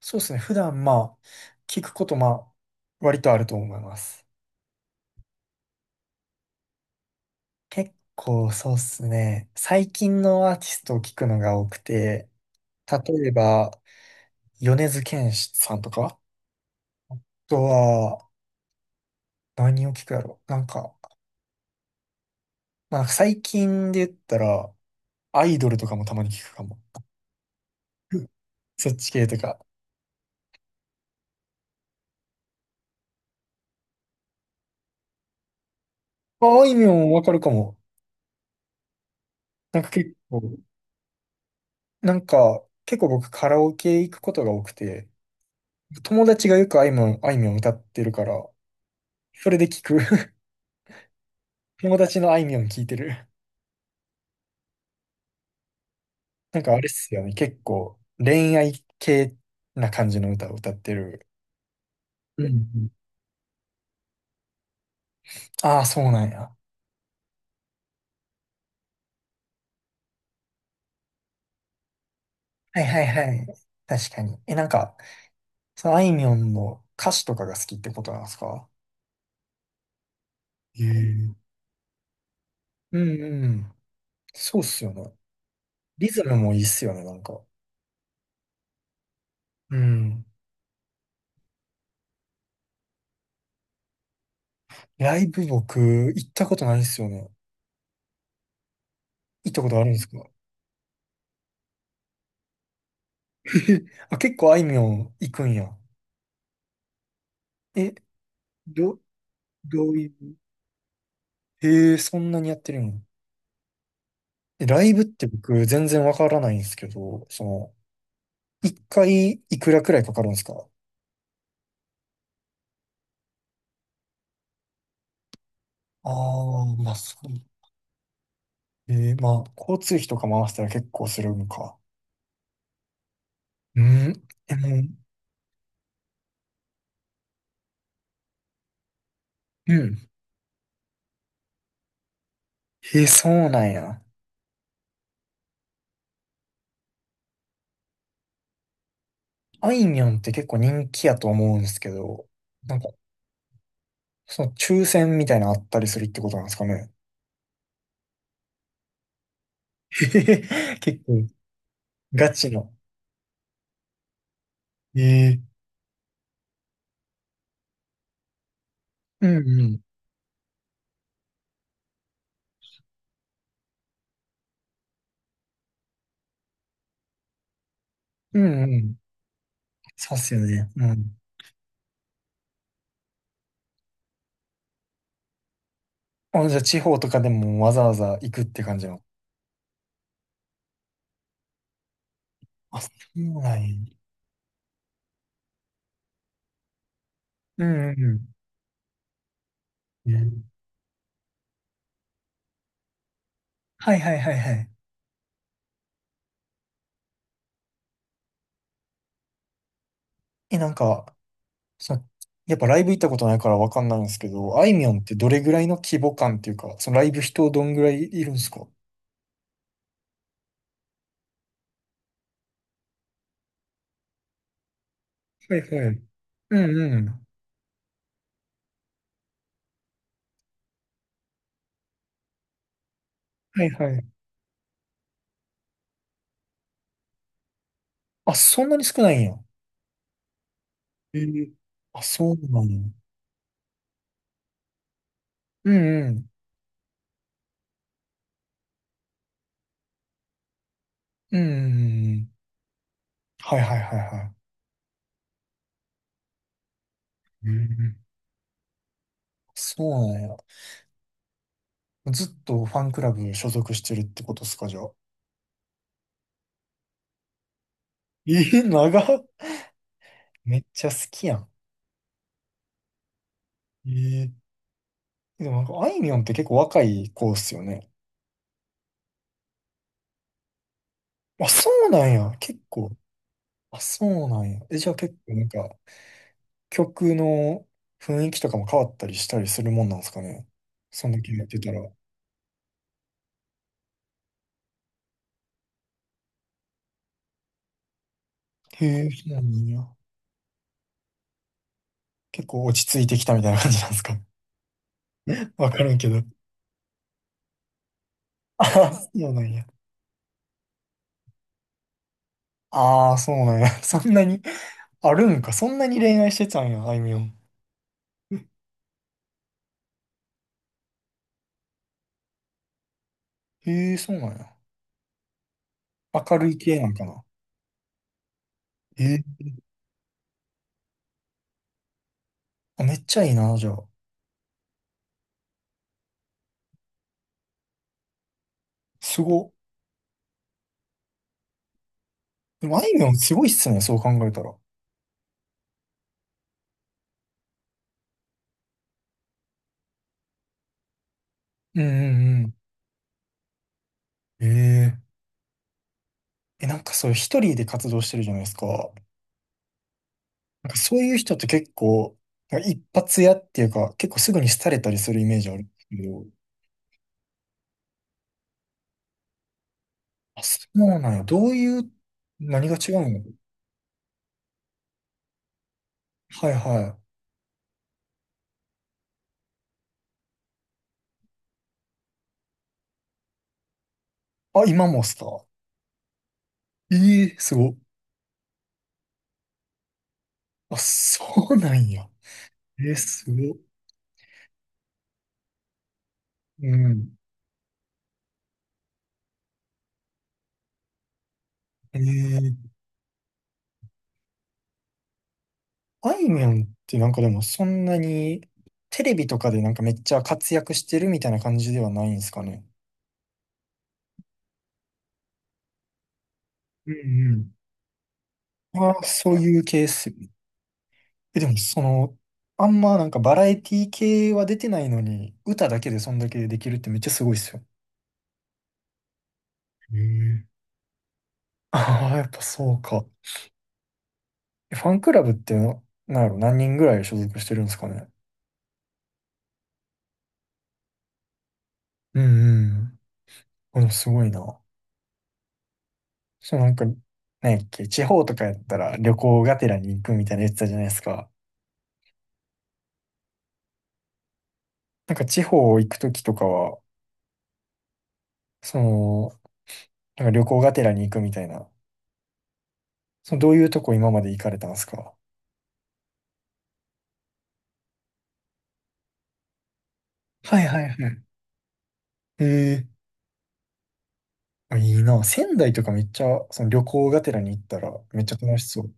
そうですね。普段、まあ、聞くこと、まあ、割とあると思います。結構、そうですね。最近のアーティストを聞くのが多くて、例えば、米津玄師さんとか、あとは、何を聞くやろなんか、まあ、最近で言ったら、アイドルとかもたまに聞くかも。うん、そっち系とか。まあ、あいみょんわかるかも。なんか結構、なんか、結構僕カラオケ行くことが多くて、友達がよくあいみょん歌ってるから、それで聞く。友達のあいみょん聞いてる。なんかあれっすよね。結構恋愛系な感じの歌を歌ってる。うんうん。ああ、そうなんや。はいはいはい。確かに。なんか、そのあいみょんの歌詞とかが好きってことなんですか？へえ。うんうん。そうっすよね。リズムもいいっすよね、なんか。うん。ライブ僕、行ったことないっすよね。行ったことあるんですか？ あ、結構あいみょん行くんや。え、ど、どういう。へえ、そんなにやってるの？ライブって僕全然わからないんですけど、その、一回いくらくらいかかるんですか？ああー、まあそう。まあ、交通費とか回したら結構するのか。うん。もう、うん。そうなんや。あいみょんって結構人気やと思うんですけど、なんか、その抽選みたいなのあったりするってことなんですかね。へへへ結構、ガチの。えーうんうん。うんうん。そうっすよね。うん。あ、じゃあ地方とかでもわざわざ行くって感じの。あ、そうなんや。うんうんうん。ね、はいはいはいはい。なんか、その、やっぱライブ行ったことないからわかんないんですけど、あいみょんってどれぐらいの規模感っていうか、そのライブ人どんぐらいいるんですか？はいはい。うんうん。はいはい。あ、そんなに少ないんや。ええ、あ、そうなの？うんうんうんうんうん。はいはいはいはい。うんうん、そうなんや。ずっとファンクラブ所属してるってことっすか、じゃあ。長っ。めっちゃ好きやん。ええ、でもなんか、あいみょんって結構若い子っすよね。あ、そうなんや。結構。あ、そうなんや。じゃあ結構なんか、曲の雰囲気とかも変わったりしたりするもんなんですかね。そんだけやってたら。へえ、そうなんや。結構落ち着いてきたみたいな感じなんですか。わからんけど。ああ、そうなんや。ああ、そうなんや。そんなに、あるんか。そんなに恋愛してたんや、あいみょん。えへえ、そうなんや。明るい系なんかな。へえ、あ、めっちゃいいな、じゃあ。すご。でも、あいみょんすごいっすね、そう考えたら。うんうんうん。ええ。なんかそう、一人で活動してるじゃないですか。なんかそういう人って結構、なんか一発屋っていうか、結構すぐに廃れたりするイメージあるんですけど。あ、そうなんや。どういう、何が違うの？はいはい。あ、今もっすか？ええ、すご。あ、そうなんや。すご。うん。ええ。あいみょんってなんかでもそんなにテレビとかでなんかめっちゃ活躍してるみたいな感じではないんですかね。うんうん。ああ、そういうケース。でもその、あんまなんかバラエティ系は出てないのに、歌だけでそんだけできるってめっちゃすごいっすよ。へえ、ああ、やっぱそうか。ファンクラブっての、なんやろ、何人ぐらい所属してるんですかね。うんうん。このすごいな。そうなんか、なんやっけ、地方とかやったら旅行がてらに行くみたいなやつだじゃないですか。なんか地方行くときとかは、その、なんか旅行がてらに行くみたいな、そのどういうとこ今まで行かれたんですか？はいはいはい。ええ、あ、いいな。仙台とかめっちゃ、その旅行がてらに行ったらめっちゃ楽しそう。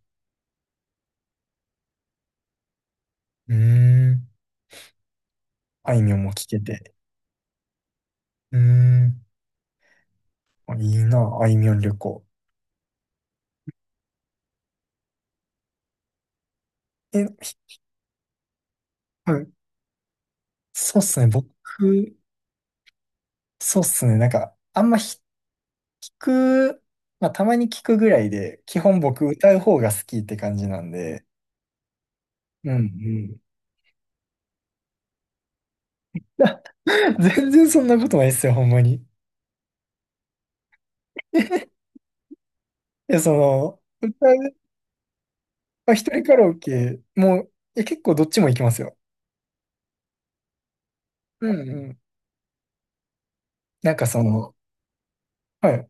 うーん。あいみょんも聞けて。うーん。あ、いいな。あいみょん旅行。え、ひはい。そうっすね。僕、そうっすね。なんか、あんま聞く、まあ、たまに聞くぐらいで、基本僕歌う方が好きって感じなんで。うんうん。全然そんなことないっすよ、ほんまに。いや、その、歌う、まあ、一人カラオケ、もう、いや、結構どっちも行きますよ。うんうん。なんかその、はい。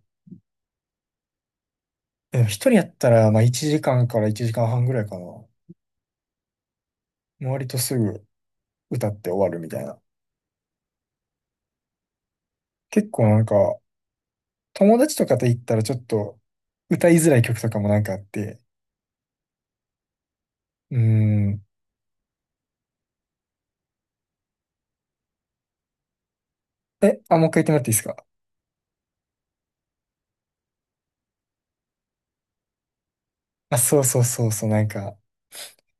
一人やったら、まあ、1時間かんから1時間半ぐらいかな。もう割とすぐ歌って終わるみたいな。結構なんか、友達とかと行ったらちょっと、歌いづらい曲とかもなんかあって。うーん。あ、もう一回言ってもらっていいですか？あ、そうそうそうそう、なんか、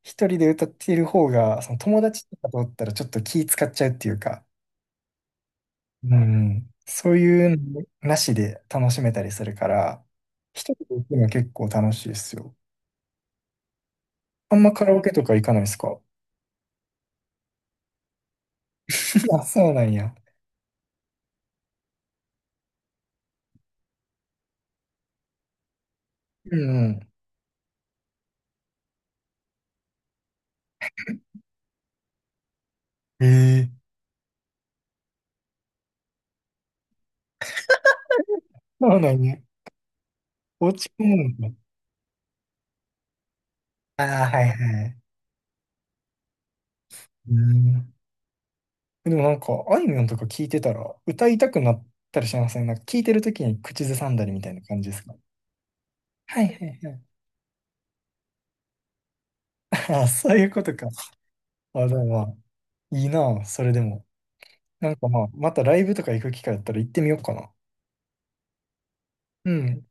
一人で歌っている方が、その友達とかとおったらちょっと気使っちゃうっていうか、うん、そういうのなしで楽しめたりするから、一人で行くのは結構楽しいですよ。あんまカラオケとか行かないですか？ あ、そうなんや。うんうん。ええ、そうなんや。お家もなんか。ああ、はいはい。うん。でもなんか、あいみょんとか聞いてたら、歌いたくなったりしません？なんか聞いてるときに口ずさんだりみたいな感じですか？はいはいはい。ああ、そういうことか。あ、でもまあ、いいなあ、それでも。なんかまあ、またライブとか行く機会あったら行ってみようかな。うん。